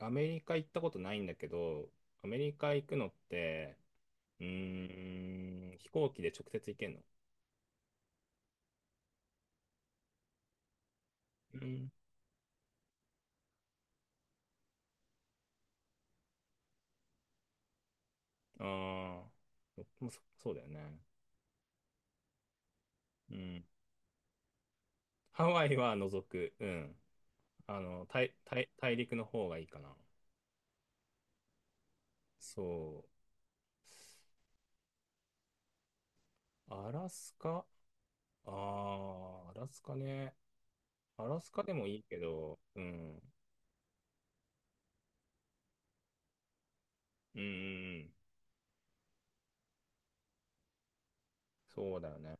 アメリカ行ったことないんだけど、アメリカ行くのって、うー飛行機で直接行けんの。うん。ああ、そうだよね。うん。ハワイは除く。うん。あの、大陸の方がいいかな。そう。アラスカ、あアラスカね。アラスカでもいいけど、うん。うん、うんうん、そうだよね。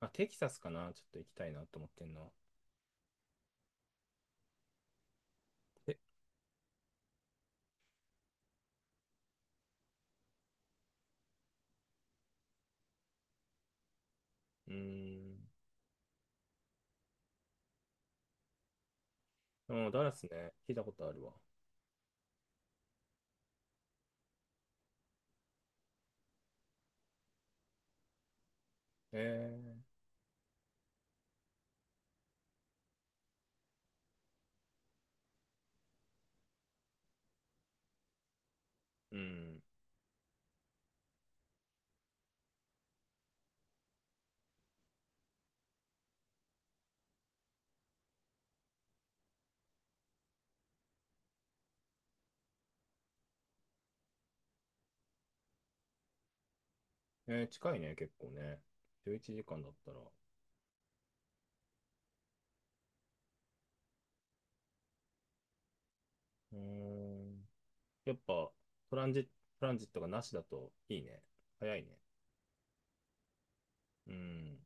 まあ、テキサスかな。ちょっと行きたいなと思ってんの。え、うーん。うん、ダラスね。聞いたことあるわ。えー、うん。えー、近いね、結構ね。11時間だったら。うーん。やっぱ、トランジ、トランジットがなしだといいね。早いね。うん。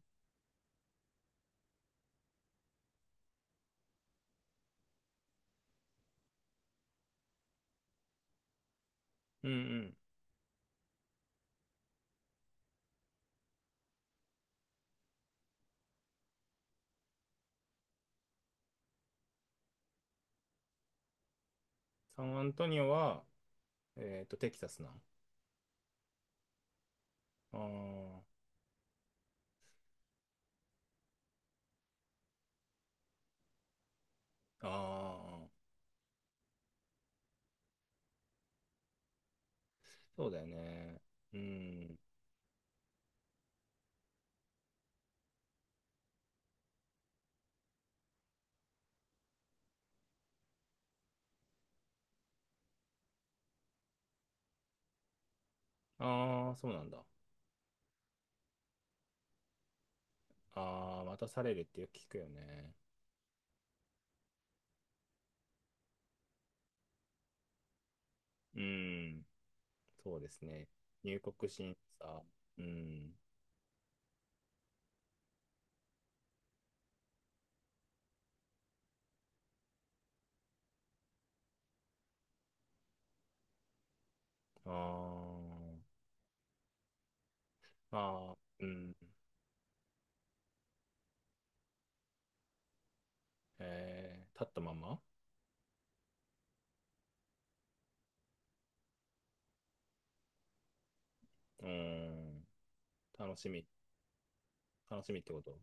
うんうん。サンアントニオは、テキサスな。あー、あー、そうだよね。うん。ああ、そうなんだ。ああ、待たされるってよく聞くよね。うん。そうですね。入国審査。うん。あーまあー、うん。えー、立ったまま。うん。楽しみ。楽しみってこと。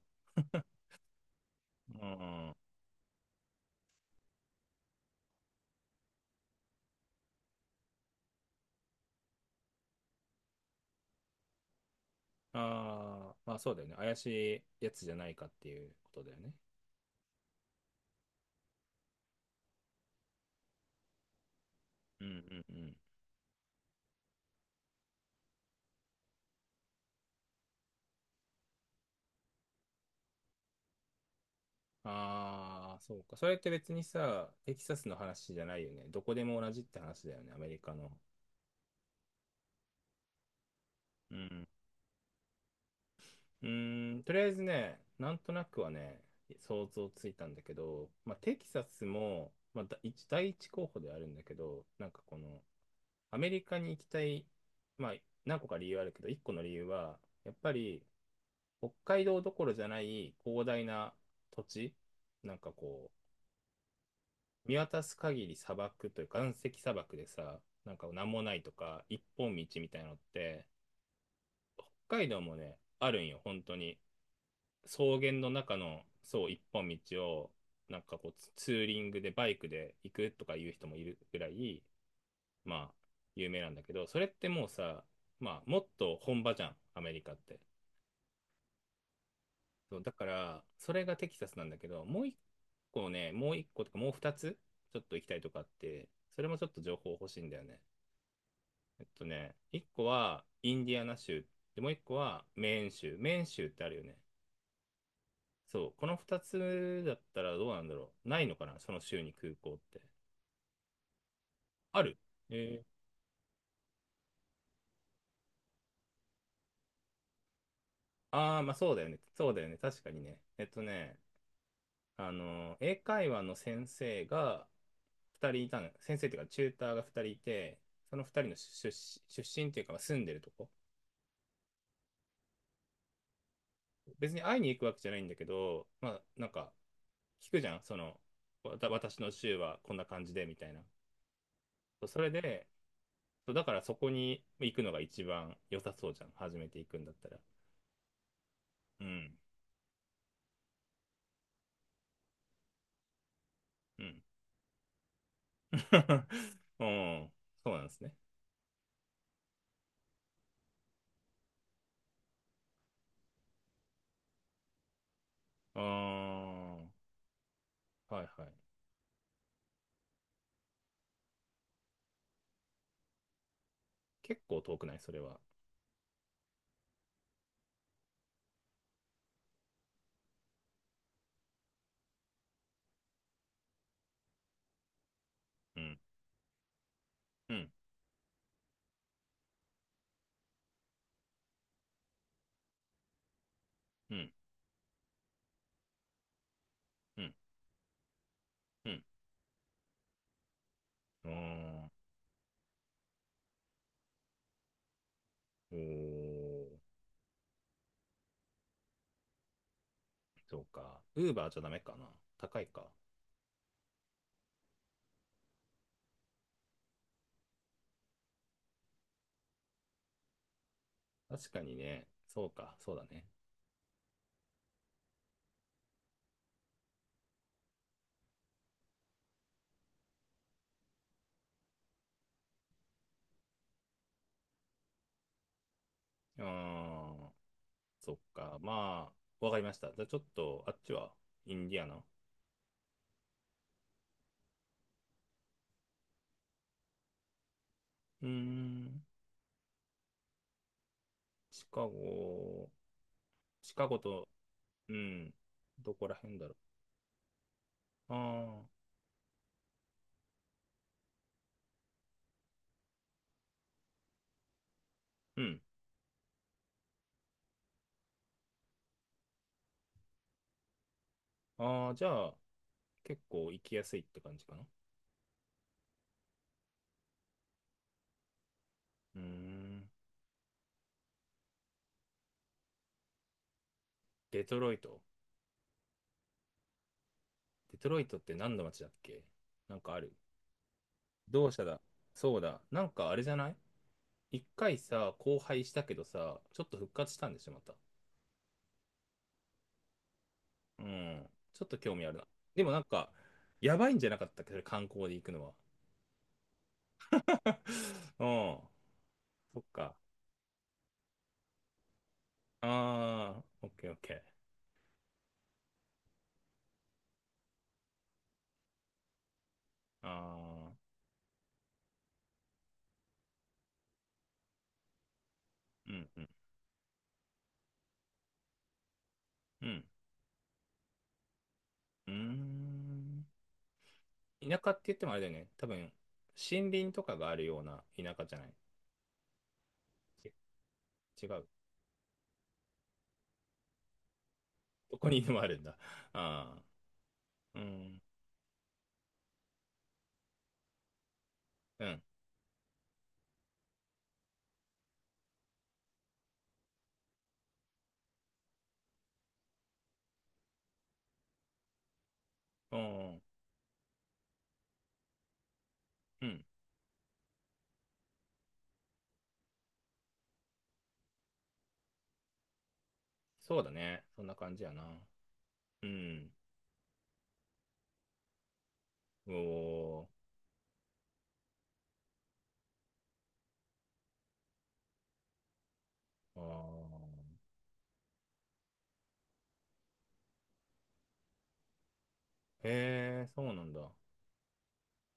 うん。ああ、まあそうだよね。怪しいやつじゃないかっていうことだよね。うんうんうん。ああ、そうか。それって別にさ、テキサスの話じゃないよね。どこでも同じって話だよね、アメリカの。うん。うーん、とりあえずね、なんとなくはね、想像ついたんだけど、まあ、テキサスも、まあ、第一候補ではあるんだけど、なんかこの、アメリカに行きたい、まあ、何個か理由あるけど、一個の理由は、やっぱり、北海道どころじゃない広大な土地、なんかこう、見渡す限り砂漠というか、岩石砂漠でさ、なんか何もないとか、一本道みたいなのって、北海道もね、あるんよ、本当に。草原の中のそう一本道を、なんかこうツーリングでバイクで行くとかいう人もいるぐらい、まあ有名なんだけど、それってもうさ、まあもっと本場じゃんアメリカって。そうだから、それがテキサスなんだけど、もう一個とかもう二つちょっと行きたいとかあって、それもちょっと情報欲しいんだよね。えっとね、一個はインディアナ州で、もう一個はメーン州。メーン州ってあるよね。そう、この2つだったらどうなんだろう。ないのかな、その州に空港って。ある。えー、ああ、まあそうだよね。そうだよね。確かにね。えっとね、あの、英会話の先生が2人いたの。先生っていうか、チューターが2人いて、その2人の出身っていうか、まあ住んでるとこ。別に会いに行くわけじゃないんだけど、まあなんか、聞くじゃん。その、私の州はこんな感じで、みたいな。そうそれで、そうだからそこに行くのが一番良さそうじゃん。初めて行くんだったら。うん。うん。うん。そうなんですね。ああ、はいはい。結構遠くない、それは。うん。うん。うん。うん。うん。うん。おー、そうか。ウーバーじゃダメかな。高いか。確かにね。そうか。そうだね。ああ、そっか。まあ、わかりました。じゃあちょっと、あっちは、インディアナ。うーん。シカゴ、シカゴと、うん。どこら辺だろう。ああ。うん。ああ、じゃあ、結構行きやすいって感じかな。うーん。デトロイト。デトロイトって何の街だっけ、なんかある。同社だ。そうだ。なんかあれじゃない、一回さ、荒廃したけどさ、ちょっと復活したんでしょ、また。うん。ちょっと興味あるな。でもなんか、やばいんじゃなかったっけど、それ観光で行くのは。うん。そっか。ああ、オッケーオッケー。ああ、うんうん。うん。うーん。田舎って言ってもあれだよね。多分、森林とかがあるような田舎じゃない。ち違う。どこにでもあるんだ。ああ、うん、うん、うん、うん。そうだね。そんな感じやな。うん。おー、あーへえ、そうなんだ。